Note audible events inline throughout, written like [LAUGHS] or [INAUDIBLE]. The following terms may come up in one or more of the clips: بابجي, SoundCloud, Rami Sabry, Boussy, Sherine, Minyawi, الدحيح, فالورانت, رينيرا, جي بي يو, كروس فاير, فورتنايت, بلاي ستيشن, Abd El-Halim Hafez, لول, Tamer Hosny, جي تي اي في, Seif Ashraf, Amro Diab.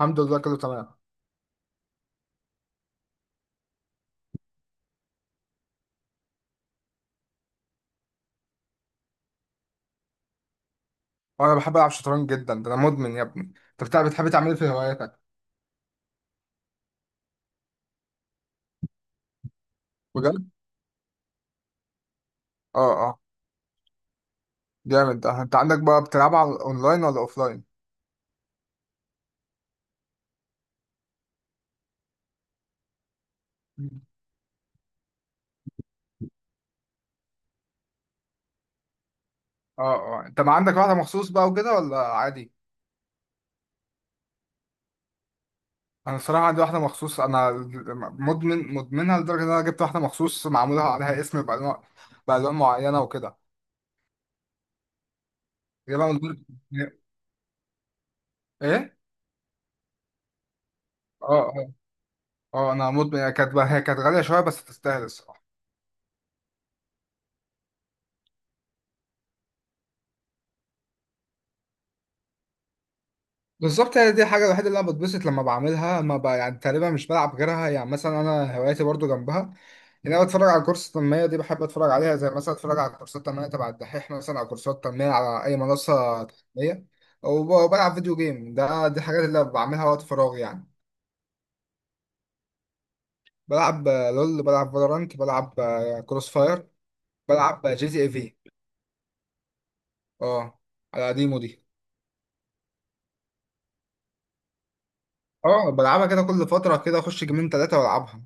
الحمد لله، كله تمام. وانا بحب العب شطرنج جدا، ده انا مدمن يا ابني. انت بتحب تعمل ايه في هواياتك؟ بجد؟ اه. جامد ده. انت عندك بقى بتلعبها على اونلاين ولا اوفلاين؟ مم. اه اه. انت ما عندك واحده مخصوص بقى وكده ولا عادي؟ انا الصراحه عندي واحده مخصوص انا. مدمنها لدرجه ان انا جبت واحده مخصوص معمولها عليها اسم بالوان، بالوان معينه وكده. جايبها من دور- ايه. اه اه. اه، انا مدمن. هي كانت غاليه شويه بس تستاهل الصراحه. بالظبط. هي دي الحاجة الوحيدة اللي أنا بتبسط لما بعملها. ما ب... يعني تقريبا مش بلعب غيرها. يعني مثلا أنا هواياتي برضو جنبها، إن أنا بتفرج على كورس التنمية، دي بحب أتفرج عليها. زي مثلا أتفرج على كورسات تنمية تبع الدحيح مثلا، أو كورسات تنمية على أي منصة تنمية. وبلعب فيديو جيم. ده دي الحاجات اللي بعملها وقت فراغي يعني. بلعب لول، بلعب فالورانت، بلعب كروس فاير، بلعب جي تي اي في. اه، على قديمه دي. اه، بلعبها كده كل فترة، كده أخش جيمين تلاتة وألعبها.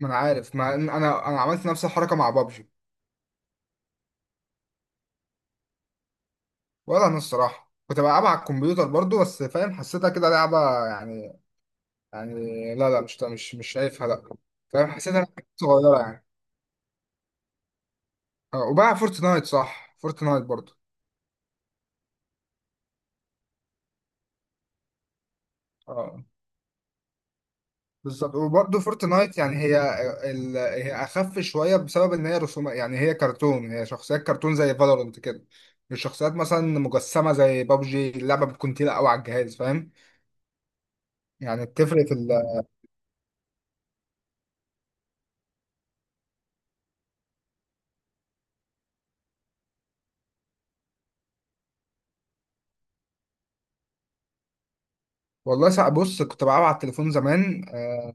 ما أنا عارف، ما أنا عملت نفس الحركة مع بابجي. ولا انا الصراحه كنت بلعبها على الكمبيوتر برضو، بس فاهم، حسيتها كده لعبه يعني. يعني لا لا، مش شايفها، لا. فاهم، حسيتها لعبة صغيره يعني. اه، وبقى فورتنايت. صح، فورتنايت برضو. اه، بالظبط. وبرضه فورتنايت يعني هي هي اخف شويه بسبب ان هي رسومات، يعني هي كرتون، هي شخصيات كرتون زي فالورنت كده. مش شخصيات مثلا مجسمه زي بابجي. اللعبه بتكون تقيله قوي على الجهاز، فاهم يعني؟ بتفرق في والله ساعة، بص، كنت بلعبها على التليفون زمان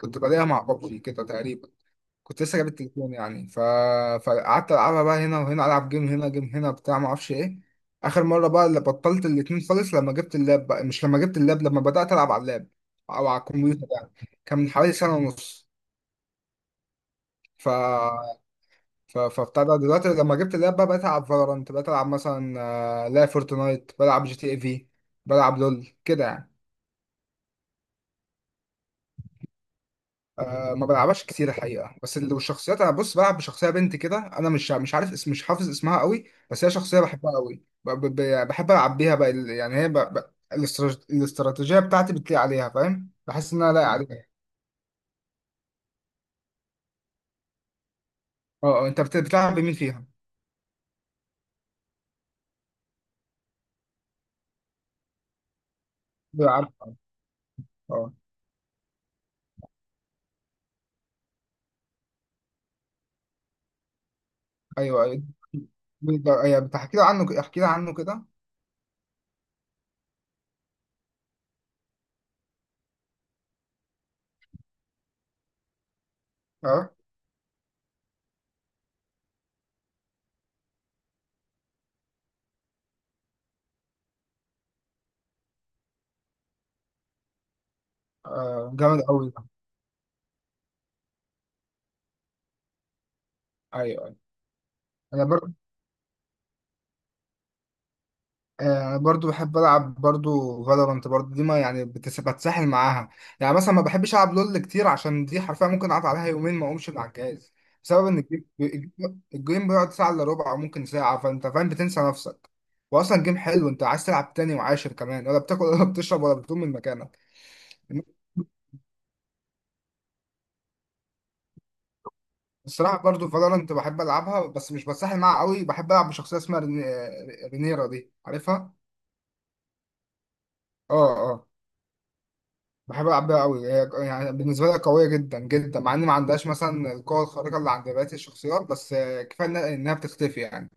كنت بلاقيها مع بابجي كده تقريبا. كنت لسه جايب التليفون يعني فقعدت العبها بقى هنا وهنا، العب جيم هنا، جيم هنا، بتاع، ما اعرفش ايه. اخر مره بقى اللي بطلت الاتنين خالص لما جبت اللاب بقى، مش لما جبت اللاب، لما بدات العب على اللاب او على الكمبيوتر يعني. كان من حوالي سنه ونص. ف ف فبتاع ده دلوقتي لما جبت اللاب بقى، بقيت العب فالورانت، بقيت العب مثلا لا فورتنايت، بلعب جي تي اي في، بلعب لول كده يعني. أه، ما بلعبهاش كتير الحقيقه. بس لو الشخصيات، انا بص بلعب بشخصيه بنت كده، انا مش عارف اسم، مش حافظ اسمها قوي. بس هي شخصيه بحبها قوي. يعني بحب العب بيها بقى. يعني هي الاستراتيجيه بتاعتي بتليق عليها، فاهم، بحس ان انا لايق عليها. اه، انت بتلعب بمين فيها؟ بعرف. اه. ايوه ايوه، بتحكي لي عنه، احكي لي عنه كده. اه، جامد قوي ده. ايوه ايوه، انا برضو بحب العب برضو فالورانت برضو، دي ما يعني بتسحل معاها. يعني مثلا ما بحبش العب لول كتير، عشان دي حرفيا ممكن اقعد عليها يومين ما اقومش من على الجهاز، بسبب ان الجيم بيقعد ساعه الا ربع او ممكن ساعه، فانت فاهم، بتنسى نفسك. واصلا جيم حلو، انت عايز تلعب تاني وعاشر كمان، ولا بتاكل ولا [LAUGHS] بتشرب ولا بتقوم من مكانك. الصراحه برضو فالورانت بحب العبها، بس مش بتسحل معاها قوي. بحب العب بشخصيه اسمها رينيرا، دي عارفها؟ اه. آه. بحب ألعبها أوي. هي يعني بالنسبة لها قوية جدا جدا، مع إن ما عندهاش مثلا القوة الخارقة اللي عند بقية الشخصيات، بس كفاية إنها بتختفي يعني.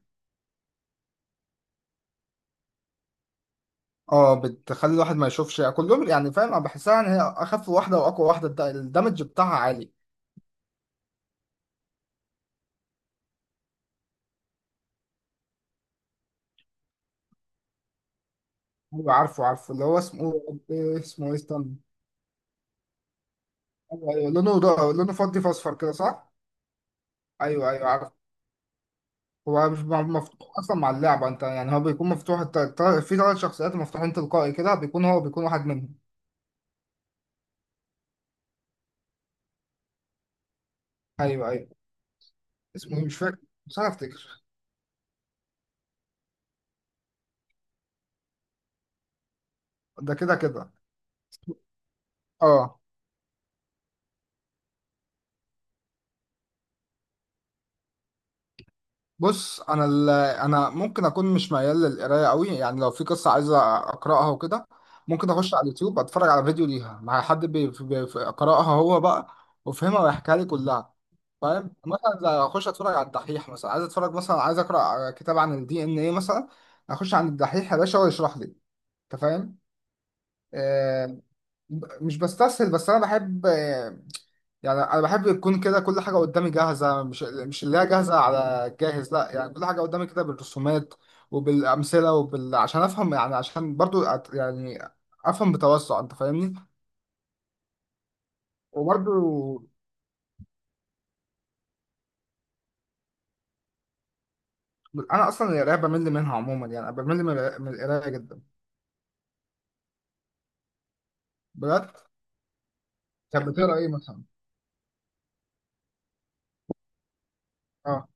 اه، بتخلي الواحد ما يشوفش كلهم يعني، فاهم، أنا بحسها إن هي أخف واحدة وأقوى واحدة. الدمج بتاعها عالي. أيوة، عارفه عارفه اللي هو اسمه. إيه اسمه، إيه، استنى. أيوة أيوة، لونه ده لونه فضي في أصفر كده، صح؟ أيوه أيوه عارفه. هو مش مفتوح أصلا مع اللعبة، أنت يعني هو بيكون مفتوح في 3 شخصيات مفتوحين تلقائي كده، هو بيكون واحد منهم. أيوه أيوه، اسمه إيه؟ مش فاكر. مش عارف أفتكر. ده كده كده. اه، بص انا انا ممكن اكون مش ميال للقرايه قوي يعني، لو في قصه عايز اقراها وكده ممكن اخش على اليوتيوب، اتفرج على فيديو ليها مع حد قراها هو بقى وفهمها ويحكيها لي كلها. فاهم، مثلا زي اخش اتفرج على الدحيح مثلا، عايز اتفرج مثلا، عايز اقرا كتاب عن الدي ان ايه مثلا، اخش عند الدحيح يا باشا هو يشرح لي. انت فاهم. آه... مش بستسهل، بس انا بحب يعني. انا بحب يكون كده كل حاجه قدامي جاهزه، مش اللي هي جاهزه على جاهز، لا يعني كل حاجه قدامي كده بالرسومات وبالامثله وبال، عشان افهم يعني، عشان برضو يعني افهم بتوسع، انت فاهمني. وبرضو، انا اصلا القرايه بمل منها عموما يعني، بمل من القرايه من القراية جدا. بجد؟ طب بتقرا ايه مثلا؟ اه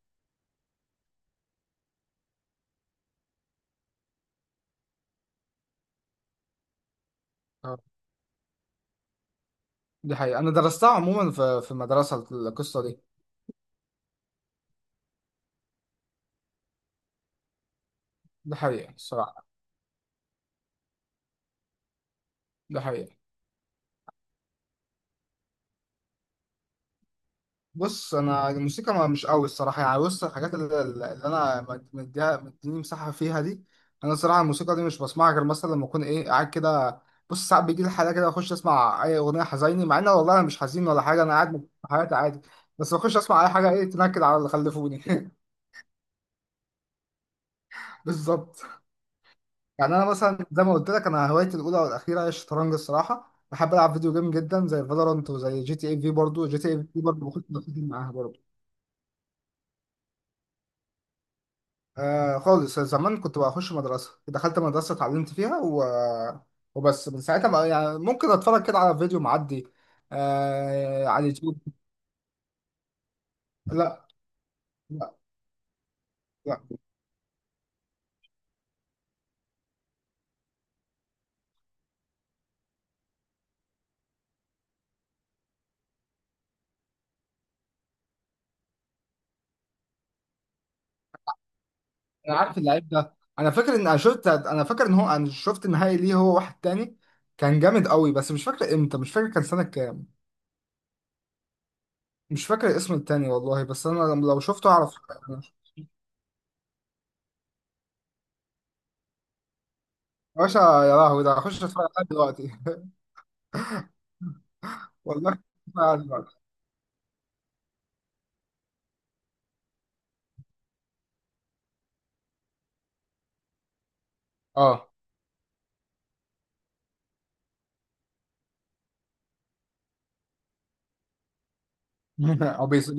اه. دي حقيقه، انا درستها عموما في المدرسه القصه دي. دي حقيقه الصراحه. دي حقيقه. بص انا الموسيقى مش قوي الصراحه يعني. بص الحاجات اللي انا مديني مساحه فيها دي. انا الصراحه الموسيقى دي مش بسمعها غير مثلا لما اكون ايه قاعد كده. بص ساعات بيجي لي حاله كده، اخش اسمع اي اغنيه حزيني، مع ان والله انا مش حزين ولا حاجه، انا قاعد في حياتي عادي، بس بخش اسمع اي حاجه ايه تنكد على اللي خلفوني [LAUGHS] بالظبط. يعني انا مثلا زي ما قلت لك، انا هوايتي الاولى والاخيره هي الشطرنج الصراحه. بحب العب فيديو جيم جدا زي فالورانت وزي جي تي اي في برضه. جي تي اي في برضه بخش معاها برضه. آه خالص، زمان كنت بخش مدرسة، دخلت مدرسة اتعلمت فيها وبس من ساعتها بقى يعني ممكن اتفرج كده على فيديو معدي آه على اليوتيوب. لا لا لا. انا عارف اللعيب ده. انا فاكر ان انا شفت، انا فاكر ان هو انا شفت نهائي ليه هو واحد تاني كان جامد قوي، بس مش فاكر امتى، مش فاكر كان سنة كام. مش فاكر الاسم التاني والله، بس انا لو شفته اعرف. يا باشا يا لهوي، ده هخش اتفرج عليه دلوقتي [LAUGHS] والله هخش أتفرج عليه دلوقتي. اه [LAUGHS] او بيس...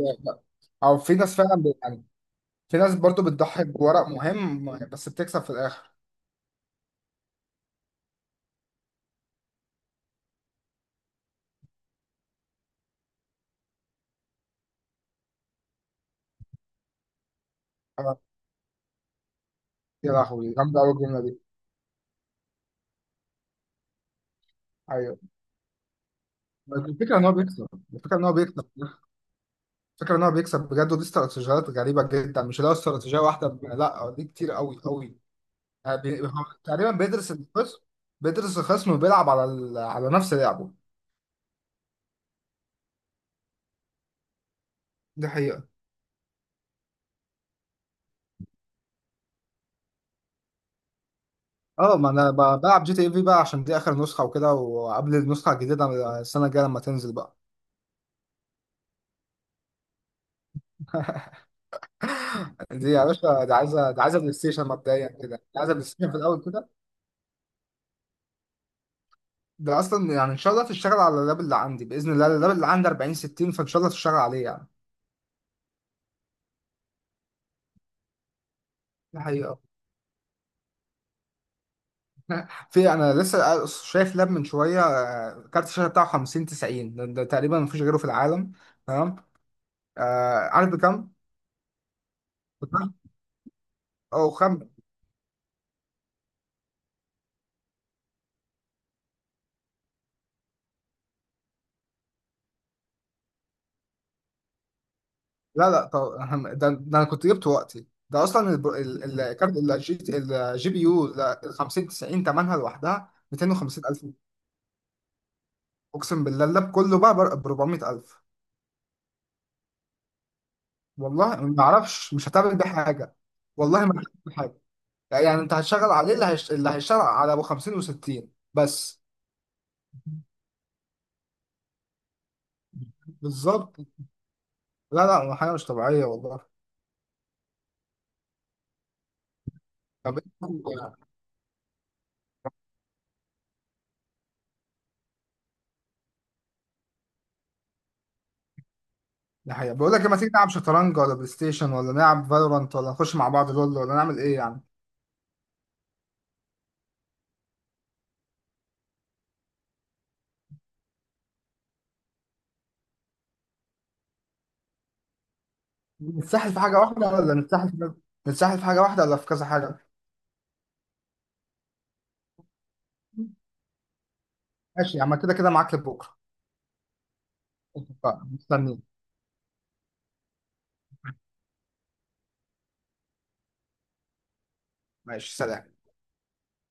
او في ناس فعلا يعني، في ناس برضو بتضحي بورق مهم بس بتكسب في الاخر. آه، يا لهوي، جامده قوي الجمله دي. ايوه بس الفكره ان هو بيكسب. الفكره ان هو بيكسب. الفكره ان هو بيكسب بجد. ودي استراتيجيات غريبه جدا، مش اللي هو استراتيجيه واحده، لا دي كتير قوي قوي. يعني هو تقريبا بيدرس الخصم. بيدرس الخصم وبيلعب على على نفس لعبه. دي حقيقة. اه، ما انا بلعب جي تي اي في بقى عشان دي اخر نسخة وكده، وقبل النسخة الجديدة السنة الجاية لما تنزل بقى. دي يا باشا، دي عايزه بلاي ستيشن مبدئيا كده، دي عايزه بلاي ستيشن في الاول كده. ده اصلا يعني ان شاء الله تشتغل على اللاب اللي عندي باذن الله. اللاب اللي عندي 40 60، فان شاء الله تشتغل عليه يعني. دي حقيقه. في، انا لسه شايف لاب من شويه كارت الشاشه بتاعه 50 90. ده تقريبا مفيش غيره في العالم. تمام. آه عارف بكام؟ بكام؟ او خم لا لا، طب [LAUGHS] ده انا كنت جبته وقتي ده اصلا الكارت الجي بي يو ال 50 90 ثمنها لوحدها 250,000. اقسم بالله اللاب كله بقى ب 400,000. والله ما اعرفش مش هتعمل بيه حاجه. والله ما هتعمل بيه حاجه يعني انت هتشتغل عليه اللي اللي هيشتغل على ابو 50 و60 بس. بالظبط. لا لا، حاجه مش طبيعيه والله. طب إيه؟ ده حقيقة. بقول لك إيه، ما تيجي نلعب شطرنج ولا بلاي ستيشن، ولا نلعب فالورانت، ولا نخش مع بعض لول، ولا نعمل ايه يعني؟ نتسحل في حاجه واحده ولا نتسحل في، نتسحل في حاجه واحده ولا في كذا حاجه؟ ماشي يا عم، كده كده معاك لبكره. اتفقنا. مستنيين. ماشي سلام.